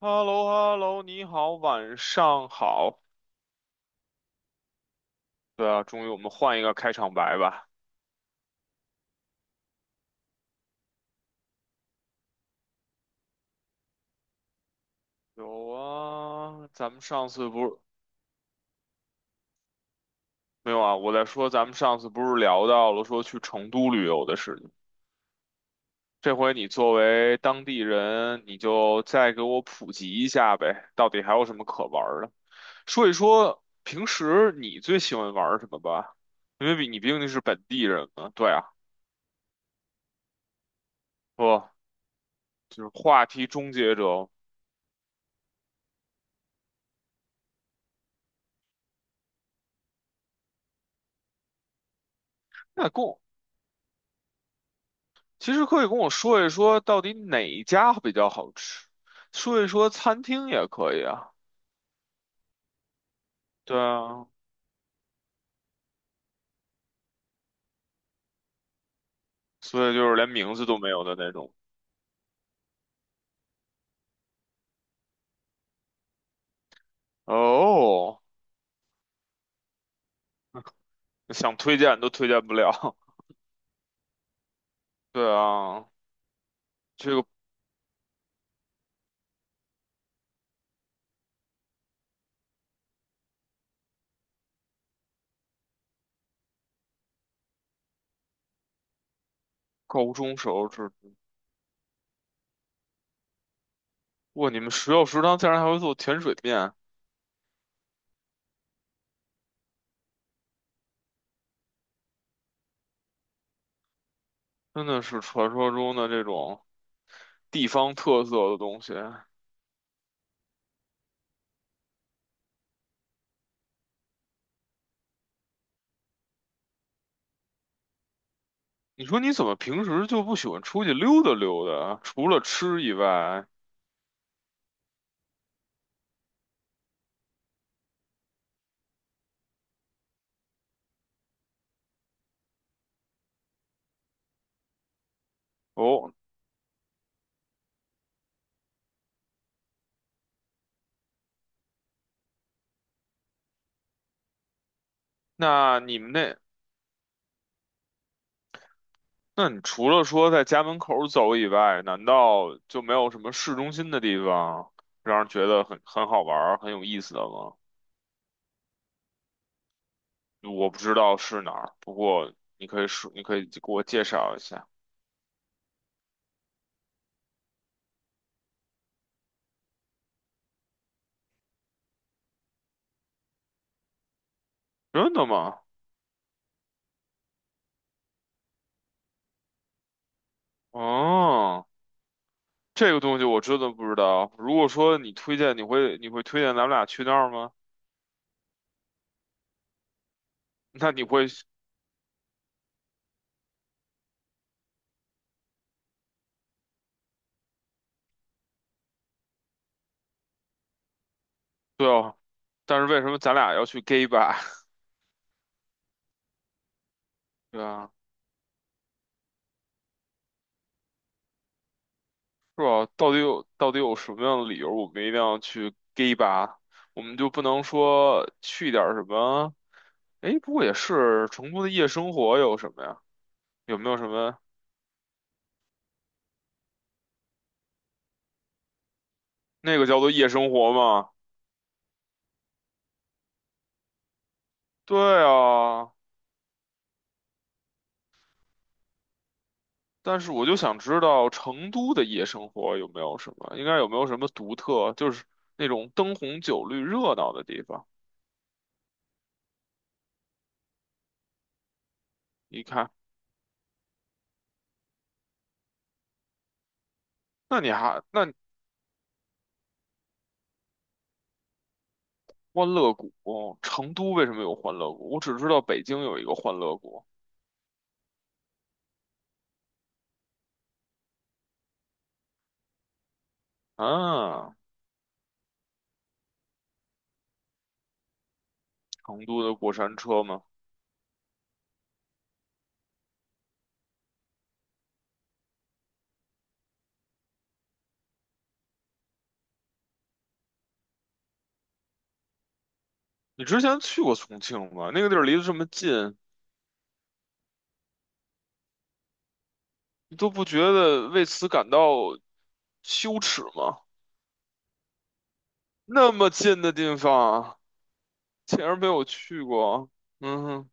Hello hello 你好，晚上好。对啊，终于我们换一个开场白吧。有啊，咱们上次不是，没有啊，我在说咱们上次不是聊到了说去成都旅游的事情。这回你作为当地人，你就再给我普及一下呗，到底还有什么可玩儿的？说一说平时你最喜欢玩儿什么吧，因为比你毕竟是本地人嘛。对啊，不，就是话题终结者。那够。其实可以跟我说一说，到底哪一家比较好吃，说一说餐厅也可以啊。对啊，所以就是连名字都没有的那种。哦，想推荐都推荐不了。对啊，这个高中时候是，哇，你们学校食堂竟然还会做甜水面，真的是传说中的这种地方特色的东西。你说你怎么平时就不喜欢出去溜达溜达啊？除了吃以外，哦，那你们那那你除了说在家门口走以外，难道就没有什么市中心的地方让人觉得很好玩儿很有意思的吗？我不知道是哪儿，不过你可以说，你可以给我介绍一下。真的吗？哦，这个东西我真的不知道。如果说你推荐，你会推荐咱们俩去那儿吗？那你会，对哦。但是为什么咱俩要去 gay 吧？对啊。是吧？到底有什么样的理由，我们一定要去 gay 吧？我们就不能说去点儿什么？哎，不过也是，成都的夜生活有什么呀？有没有什么那个叫做夜生活吗？对啊，但是我就想知道成都的夜生活有没有什么，应该有没有什么独特，就是那种灯红酒绿、热闹的地方。你看，那你还那欢乐谷，成都为什么有欢乐谷？我只知道北京有一个欢乐谷。啊，成都的过山车吗？你之前去过重庆吗？那个地儿离得这么近，你都不觉得为此感到羞耻吗？那么近的地方，竟然没有去过。嗯哼，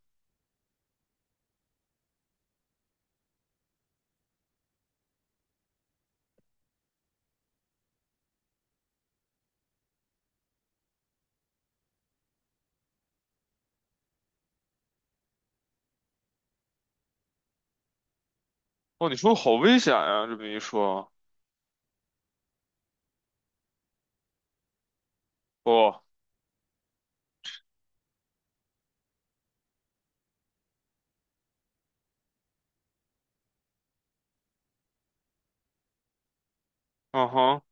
哦，你说好危险呀、这么一说，哦，嗯哼，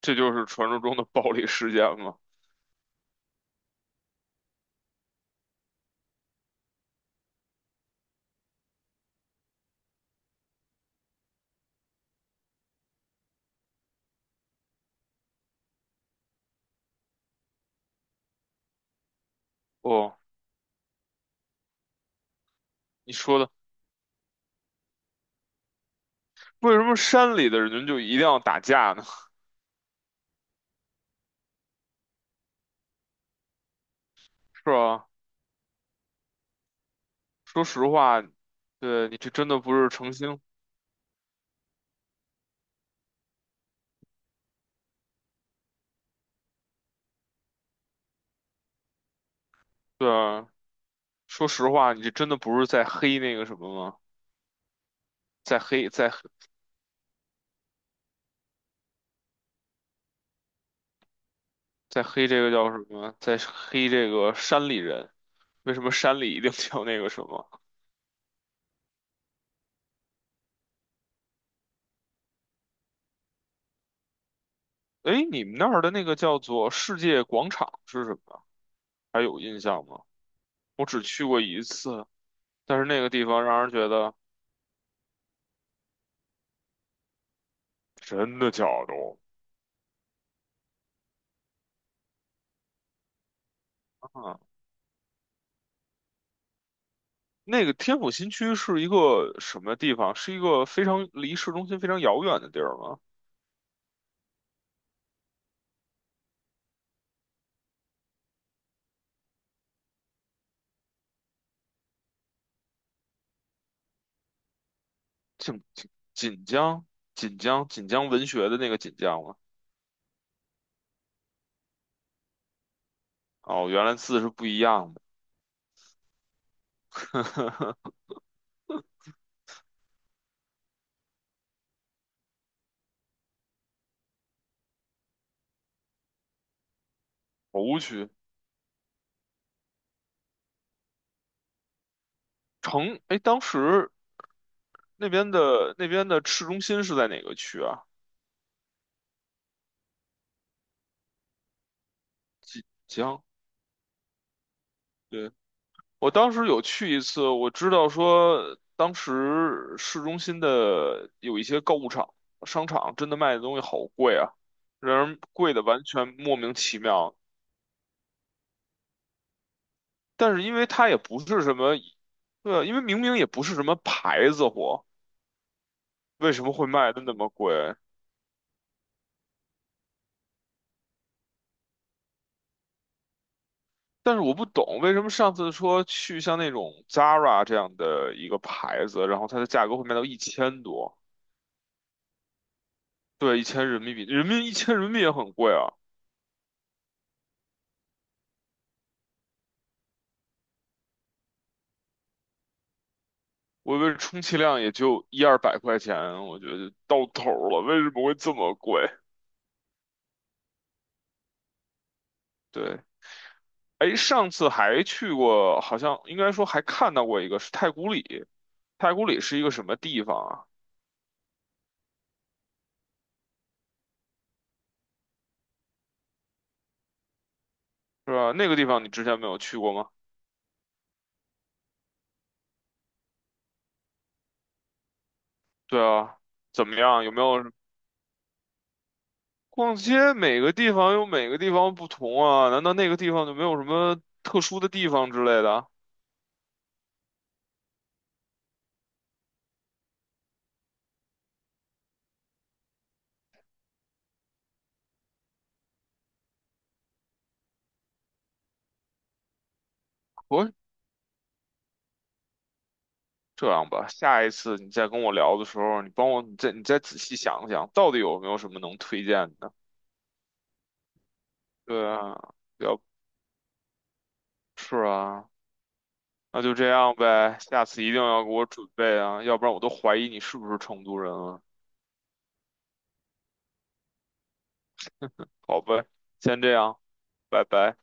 这就是传说中的暴力事件吗？哦，你说的，为什么山里的人就一定要打架呢？是吧？说实话，对，你这真的不是诚心。对，说实话，你这真的不是在黑那个什么吗？在黑在黑在黑这个叫什么？在黑这个山里人？为什么山里一定叫那个什么？哎，你们那儿的那个叫做世界广场是什么？还有印象吗？我只去过一次，但是那个地方让人觉得真的假的啊！那个天府新区是一个什么地方？是一个非常离市中心非常遥远的地儿吗？锦江，锦江，锦江文学的那个锦江吗？哦，原来字是不一样的。湖区城，哎，当时那边的市中心是在哪个区啊？济江。对，我当时有去一次，我知道说当时市中心的有一些购物场、商场，真的卖的东西好贵啊，让人贵的完全莫名其妙。但是因为它也不是什么，对啊，因为明明也不是什么牌子货，为什么会卖的那么贵？但是我不懂为什么上次说去像那种 Zara 这样的一个牌子，然后它的价格会卖到一千多，对，一千人民币，人民一千人民币也很贵啊。我以为充其量也就一二百块钱，我觉得到头了，为什么会这么贵？对，哎，上次还去过，好像应该说还看到过一个是太古里，太古里是一个什么地方啊？是吧？那个地方你之前没有去过吗？对啊，怎么样？有没有？逛街每个地方有每个地方不同啊，难道那个地方就没有什么特殊的地方之类的啊？我这样吧，下一次你再跟我聊的时候，你帮我，你再仔细想想，到底有没有什么能推荐的？对啊，要是啊，那就这样呗，下次一定要给我准备啊，要不然我都怀疑你是不是成都人了。好呗，先这样，拜拜。